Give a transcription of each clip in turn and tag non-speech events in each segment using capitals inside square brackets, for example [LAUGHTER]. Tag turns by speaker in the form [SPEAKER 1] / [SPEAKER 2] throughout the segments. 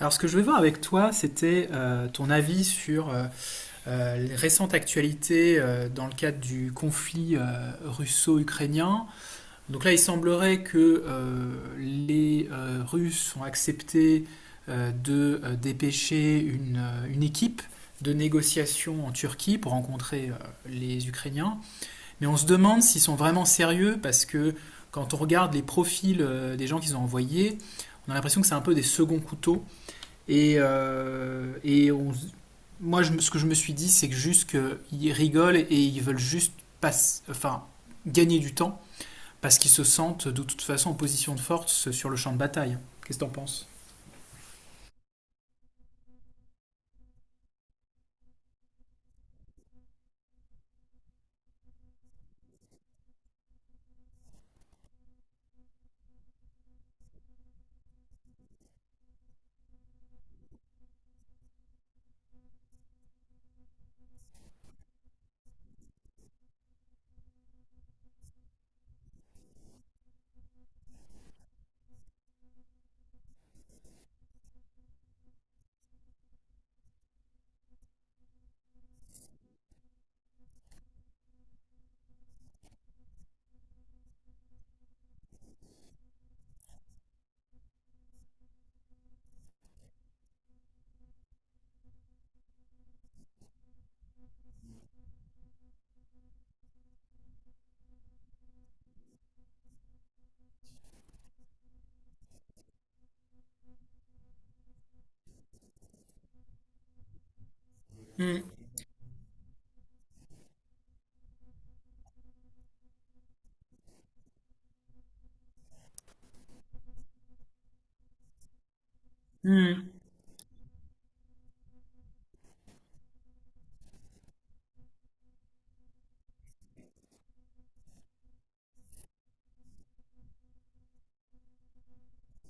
[SPEAKER 1] Alors, ce que je voulais voir avec toi, c'était ton avis sur les récentes actualités dans le cadre du conflit russo-ukrainien. Donc là, il semblerait que les Russes ont accepté de dépêcher une équipe de négociation en Turquie pour rencontrer les Ukrainiens. Mais on se demande s'ils sont vraiment sérieux parce que quand on regarde les profils des gens qu'ils ont envoyés, on a l'impression que c'est un peu des seconds couteaux et on moi, je ce que je me suis dit, c'est que juste qu'ils rigolent et ils veulent juste passe- enfin, gagner du temps parce qu'ils se sentent de toute façon en position de force sur le champ de bataille. Qu'est-ce que t'en penses? Hmm, hmm,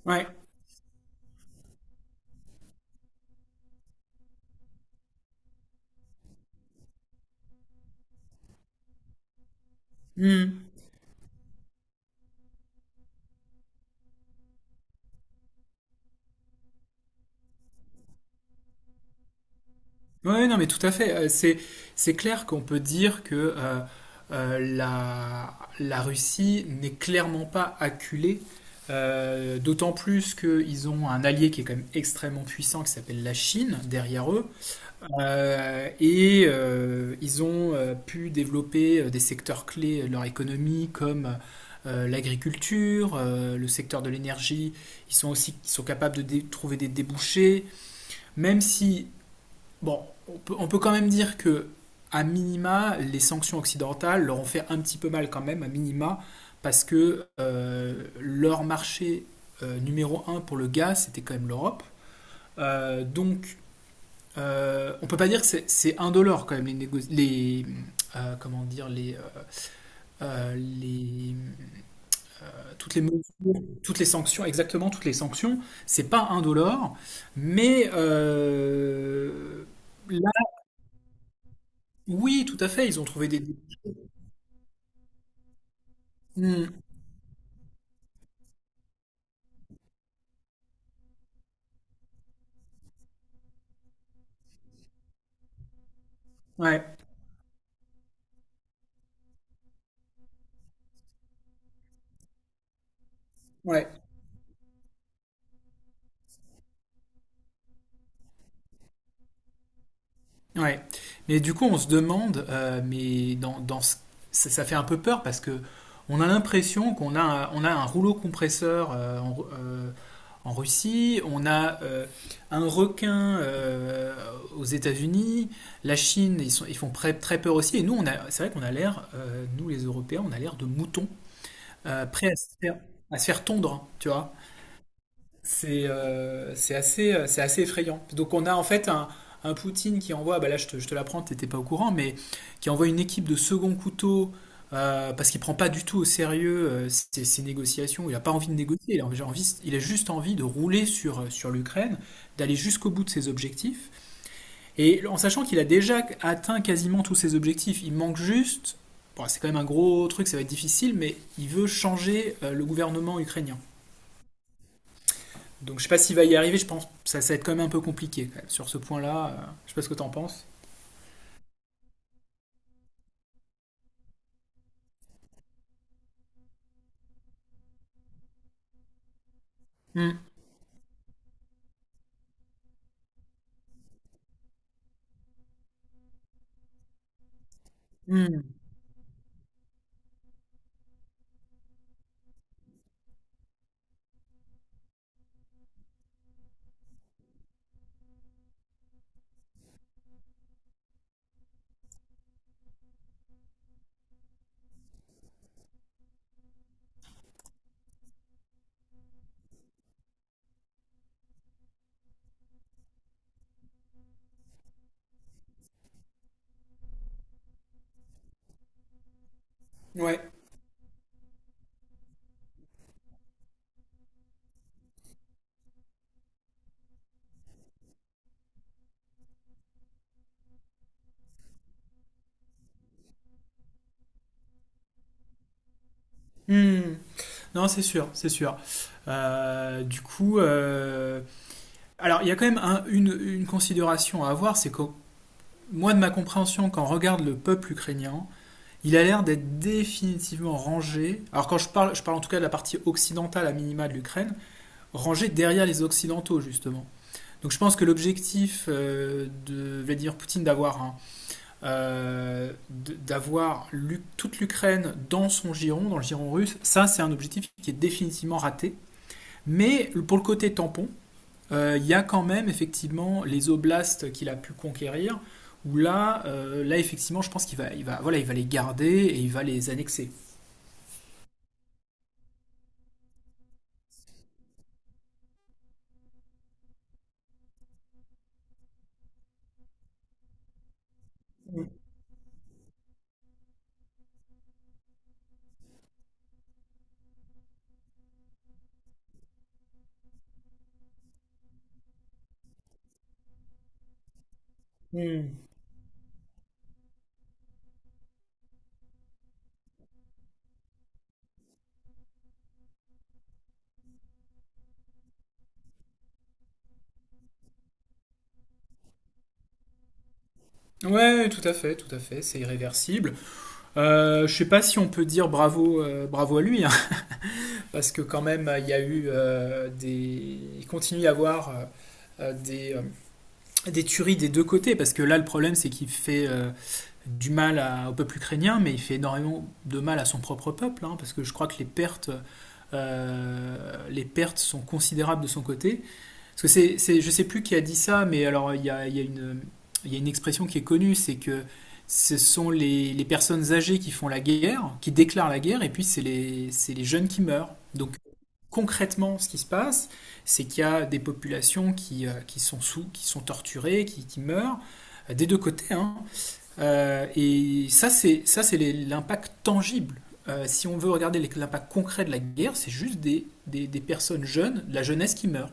[SPEAKER 1] ouais, hmm. Ouais, non, mais tout à fait. C'est clair qu'on peut dire que la Russie n'est clairement pas acculée, d'autant plus qu'ils ont un allié qui est quand même extrêmement puissant qui s'appelle la Chine derrière eux. Ils ont pu développer des secteurs clés de leur économie comme l'agriculture, le secteur de l'énergie. Ils sont capables de trouver des débouchés, même si, bon, on peut quand même dire que, à minima, les sanctions occidentales leur ont fait un petit peu mal quand même, à minima, parce que leur marché numéro un pour le gaz, c'était quand même l'Europe. Euh, donc, on peut pas dire que c'est indolore quand même les comment dire les toutes les mesures, toutes les sanctions exactement toutes les sanctions c'est pas indolore mais là oui tout à fait ils ont trouvé des Hmm, ouais ouais. Ouais, mais du coup, on se demande, mais ça, ça fait un peu peur parce que on a l'impression qu'on a, on a un rouleau compresseur en Russie, on a un requin aux États-Unis, la Chine, ils font très, très peur aussi, et nous, on a, c'est vrai qu'on a l'air, nous les Européens, on a l'air de moutons prêts à se faire tondre, hein, tu vois c'est c'est assez effrayant. Donc on a en fait un Poutine qui envoie, bah là je te l'apprends, t'étais pas au courant, mais qui envoie une équipe de second couteau parce qu'il prend pas du tout au sérieux ses négociations. Il a pas envie de négocier, il a juste envie de rouler sur, sur l'Ukraine, d'aller jusqu'au bout de ses objectifs. Et en sachant qu'il a déjà atteint quasiment tous ses objectifs, il manque juste, bon, c'est quand même un gros truc, ça va être difficile, mais il veut changer le gouvernement ukrainien. Donc je sais pas s'il va y arriver, je pense que ça va être quand même un peu compliqué quand même, sur ce point-là. Euh, je sais pas ce que t'en penses. Hmm. Hmm. Ouais. Hmm. Non, c'est sûr, c'est sûr. Euh, du coup, euh, alors il y a quand même une considération à avoir, c'est que moi de ma compréhension, quand on regarde le peuple ukrainien, il a l'air d'être définitivement rangé. Alors je parle en tout cas de la partie occidentale à minima de l'Ukraine, rangé derrière les occidentaux justement. Donc je pense que l'objectif de Vladimir Poutine d'avoir un d'avoir toute l'Ukraine dans son giron, dans le giron russe, ça c'est un objectif qui est définitivement raté. Mais pour le côté tampon, il y a quand même effectivement les oblasts qu'il a pu conquérir, où là, là effectivement, je pense qu'il va, il va, voilà, il va les garder et il va les annexer. Mmh. Ouais, tout à fait, c'est irréversible. Je sais pas si on peut dire bravo, bravo à lui, hein, [LAUGHS] parce que quand même, il continue à y avoir euh, des euh, des tueries des deux côtés, parce que là, le problème, c'est qu'il fait du mal au peuple ukrainien, mais il fait énormément de mal à son propre peuple, hein, parce que je crois que les pertes sont considérables de son côté. Parce que je sais plus qui a dit ça, mais alors il y a une expression qui est connue, c'est que ce sont les personnes âgées qui font la guerre, qui déclarent la guerre, et puis c'est les jeunes qui meurent. Donc concrètement, ce qui se passe, c'est qu'il y a des populations qui, qui sont torturées, qui meurent, des deux côtés, hein. Et ça, c'est l'impact tangible. Si on veut regarder l'impact concret de la guerre, c'est juste des personnes jeunes, de la jeunesse qui meurt.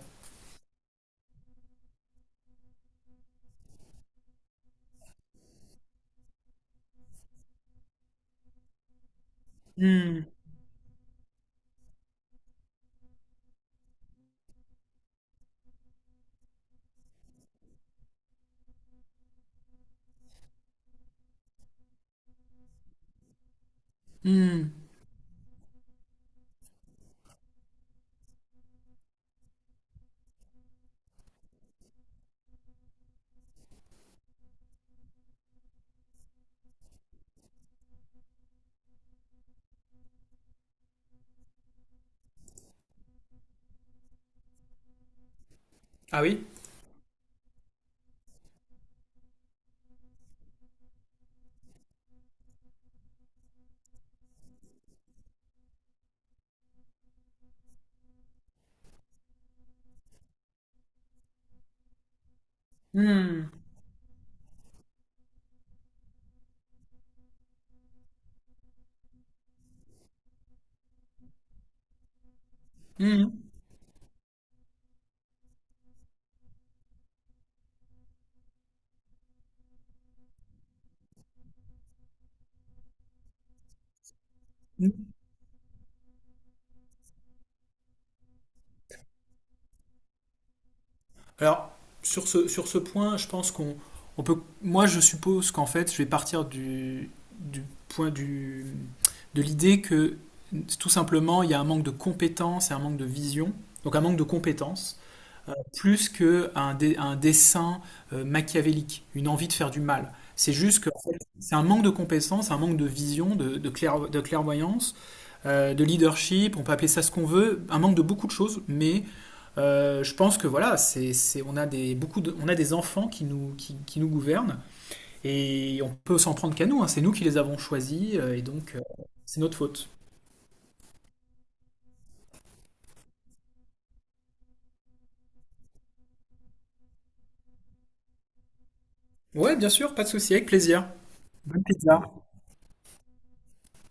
[SPEAKER 1] Hmm, hmm. Ah oui? Hmm, hmm. Alors, sur ce point, je pense qu'on on peut. Moi, je suppose qu'en fait, je vais partir du point de l'idée que tout simplement, il y a un manque de compétences et un manque de vision, donc un manque de compétences, plus qu'un un dessin machiavélique, une envie de faire du mal. C'est juste que en fait, c'est un manque de compétences, un manque de vision, de de clairvoyance, de leadership, on peut appeler ça ce qu'on veut, un manque de beaucoup de choses, mais je pense que voilà, on a on a des enfants qui nous, qui nous gouvernent et on peut s'en prendre qu'à nous, hein. C'est nous qui les avons choisis et donc c'est notre faute. Ouais, bien sûr, pas de souci, avec plaisir. Bonne pizza.